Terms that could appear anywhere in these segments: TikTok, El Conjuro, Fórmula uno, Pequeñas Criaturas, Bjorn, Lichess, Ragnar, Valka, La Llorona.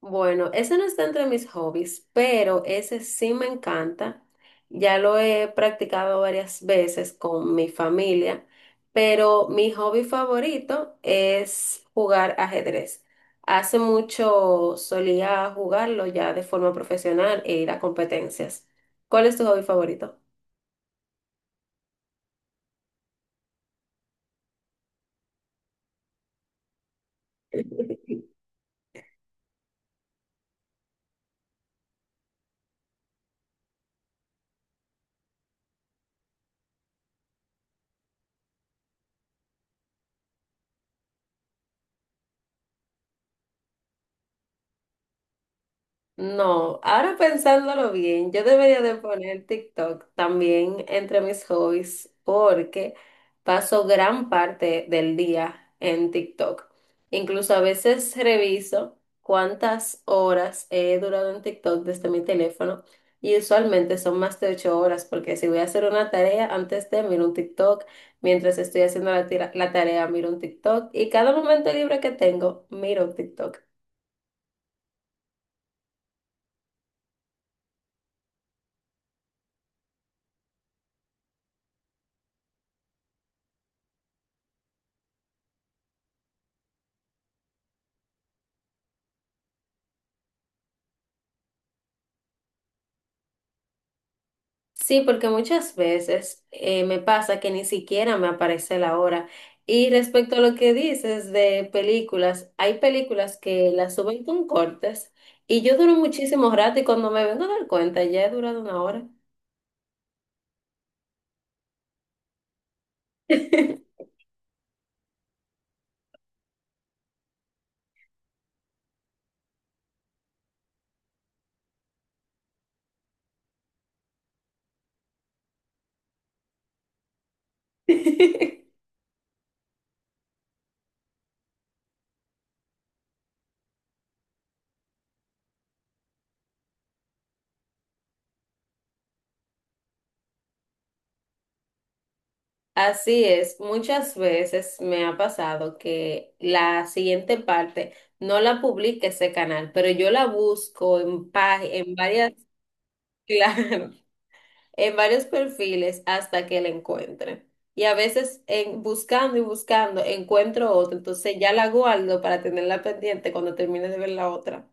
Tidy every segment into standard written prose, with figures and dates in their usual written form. Bueno, ese no está entre mis hobbies, pero ese sí me encanta. Ya lo he practicado varias veces con mi familia, pero mi hobby favorito es jugar ajedrez. Hace mucho solía jugarlo ya de forma profesional e ir a competencias. ¿Cuál es tu hobby favorito? No, ahora pensándolo bien, yo debería de poner TikTok también entre mis hobbies porque paso gran parte del día en TikTok. Incluso a veces reviso cuántas horas he durado en TikTok desde mi teléfono y usualmente son más de 8 horas porque si voy a hacer una tarea antes de miro un TikTok, mientras estoy haciendo la tarea miro un TikTok y cada momento libre que tengo miro un TikTok. Sí, porque muchas veces me pasa que ni siquiera me aparece la hora. Y respecto a lo que dices de películas, hay películas que las suben con cortes y yo duro muchísimo rato y cuando me vengo a dar cuenta ya he durado una hora. Así es, muchas veces me ha pasado que la siguiente parte no la publica ese canal, pero yo la busco en varias, claro, en varios perfiles hasta que la encuentre. Y a veces en, buscando y buscando encuentro otra, entonces ya la guardo para tenerla pendiente cuando termine de ver la otra.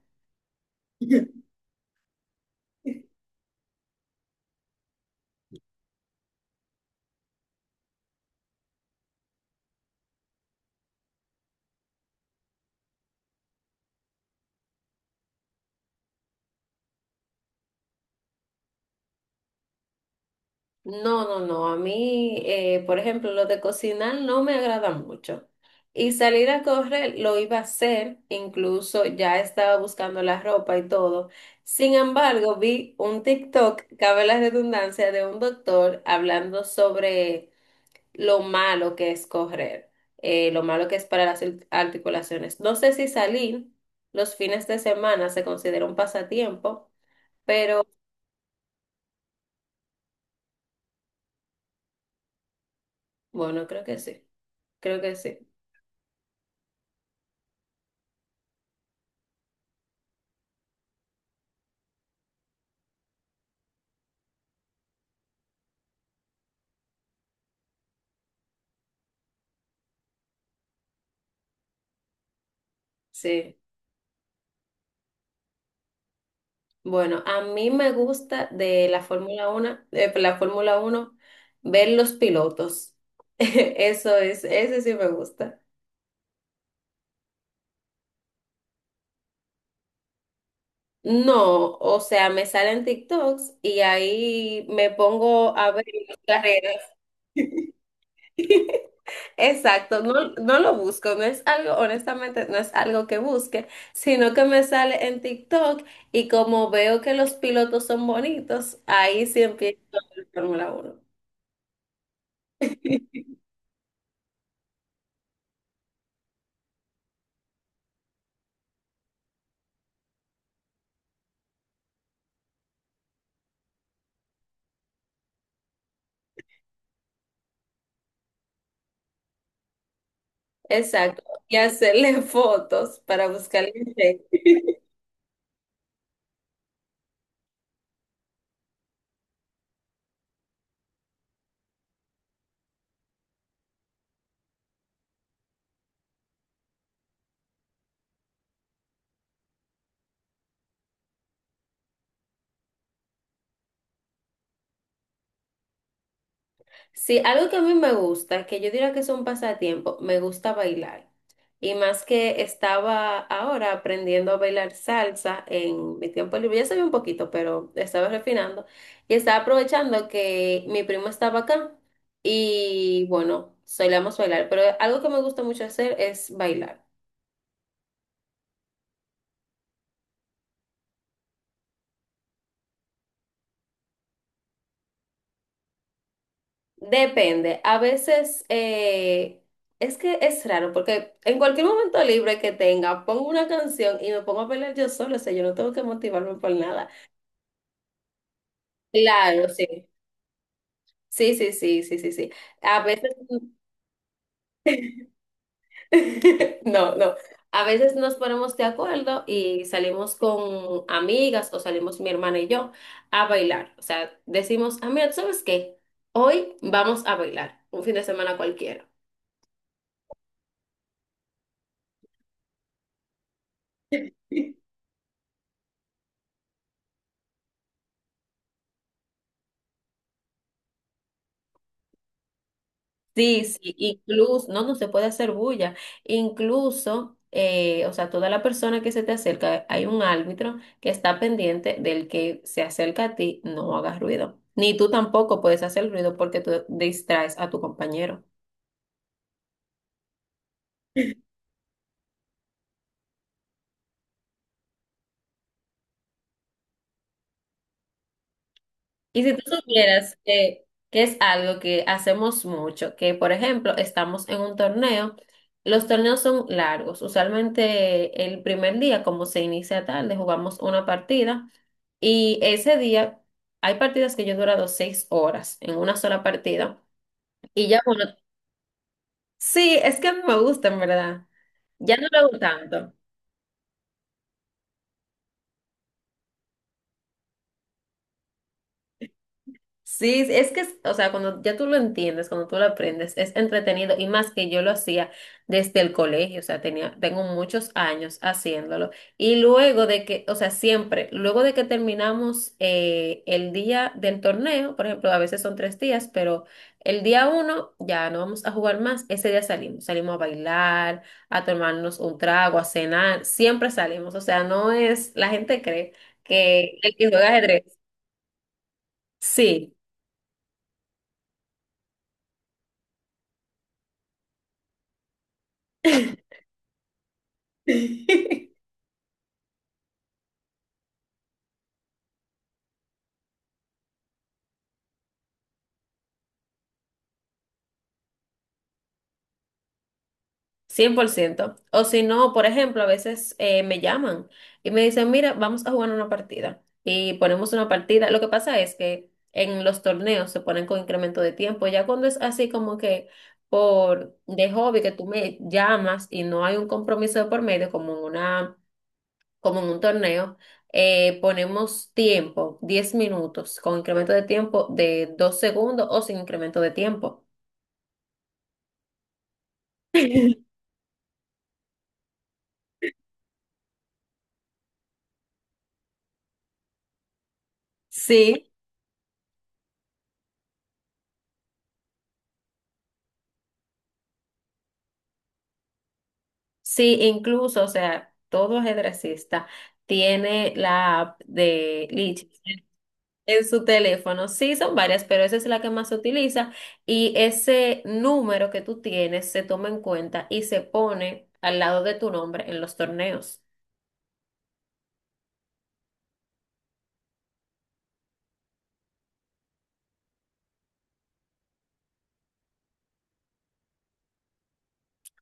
No, no, no, a mí, por ejemplo, lo de cocinar no me agrada mucho. Y salir a correr lo iba a hacer, incluso ya estaba buscando la ropa y todo. Sin embargo, vi un TikTok, cabe la redundancia, de un doctor hablando sobre lo malo que es correr, lo malo que es para las articulaciones. No sé si salir los fines de semana se considera un pasatiempo, pero bueno, creo que sí, sí. Bueno, a mí me gusta de la Fórmula 1, de la Fórmula uno ver los pilotos. Eso es, ese sí me gusta. No, o sea, me salen TikToks y ahí me pongo a ver las carreras. Exacto, no, no lo busco, no es algo, honestamente, no es algo que busque, sino que me sale en TikTok y como veo que los pilotos son bonitos, ahí sí empiezo a ver Fórmula 1. Exacto, y hacerle fotos para buscar el efecto. Sí, algo que a mí me gusta, que yo diría que es un pasatiempo, me gusta bailar. Y más que estaba ahora aprendiendo a bailar salsa en mi tiempo libre, ya sabía un poquito, pero estaba refinando. Y estaba aprovechando que mi primo estaba acá y bueno, solíamos bailar. Pero algo que me gusta mucho hacer es bailar. Depende, a veces es que es raro porque en cualquier momento libre que tenga, pongo una canción y me pongo a bailar yo solo, o sea, yo no tengo que motivarme por nada. Claro, sí. Sí, sí, sí, sí, sí, sí. A veces... No, no. A veces nos ponemos de acuerdo y salimos con amigas o salimos mi hermana y yo a bailar. O sea, decimos, ah, mira, ¿tú ¿sabes qué? Hoy vamos a bailar, un fin de semana cualquiera. Sí, sí, incluso, no, no se puede hacer bulla. Incluso, o sea, toda la persona que se te acerca, hay un árbitro que está pendiente del que se acerca a ti, no hagas ruido. Ni tú tampoco puedes hacer ruido porque tú distraes a tu compañero. Y si tú supieras que es algo que hacemos mucho, que por ejemplo estamos en un torneo, los torneos son largos, usualmente el primer día, como se inicia tarde, jugamos una partida y ese día hay partidas que yo he durado 6 horas en una sola partida y ya bueno, sí, es que a mí me gusta en verdad, ya no lo hago tanto. Sí, es que, o sea, cuando ya tú lo entiendes, cuando tú lo aprendes, es entretenido y más que yo lo hacía desde el colegio, o sea, tenía, tengo muchos años haciéndolo. Y luego de que, o sea, siempre, luego de que terminamos el día del torneo, por ejemplo, a veces son 3 días, pero el día uno ya no vamos a jugar más, ese día salimos, salimos a bailar, a tomarnos un trago, a cenar, siempre salimos, o sea, no es, la gente cree que el que juega ajedrez, sí. 100%. O si no, por ejemplo, a veces me llaman y me dicen, mira, vamos a jugar una partida. Y ponemos una partida. Lo que pasa es que en los torneos se ponen con incremento de tiempo. Ya cuando es así como que por de hobby que tú me llamas y no hay un compromiso de por medio, como en una, como en un torneo, ponemos tiempo, 10 minutos, con incremento de tiempo de 2 segundos o sin incremento de tiempo. Sí, sí, incluso, o sea, todo ajedrecista tiene la app de Lichess en su teléfono. Sí, son varias, pero esa es la que más se utiliza y ese número que tú tienes se toma en cuenta y se pone al lado de tu nombre en los torneos.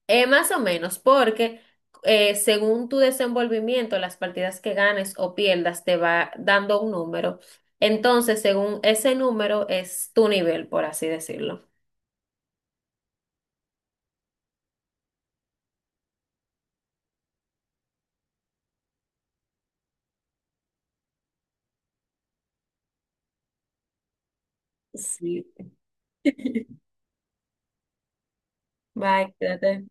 Más o menos, porque según tu desenvolvimiento, las partidas que ganes o pierdas te va dando un número. Entonces, según ese número es tu nivel, por así decirlo. Sí. Bye, cuídate.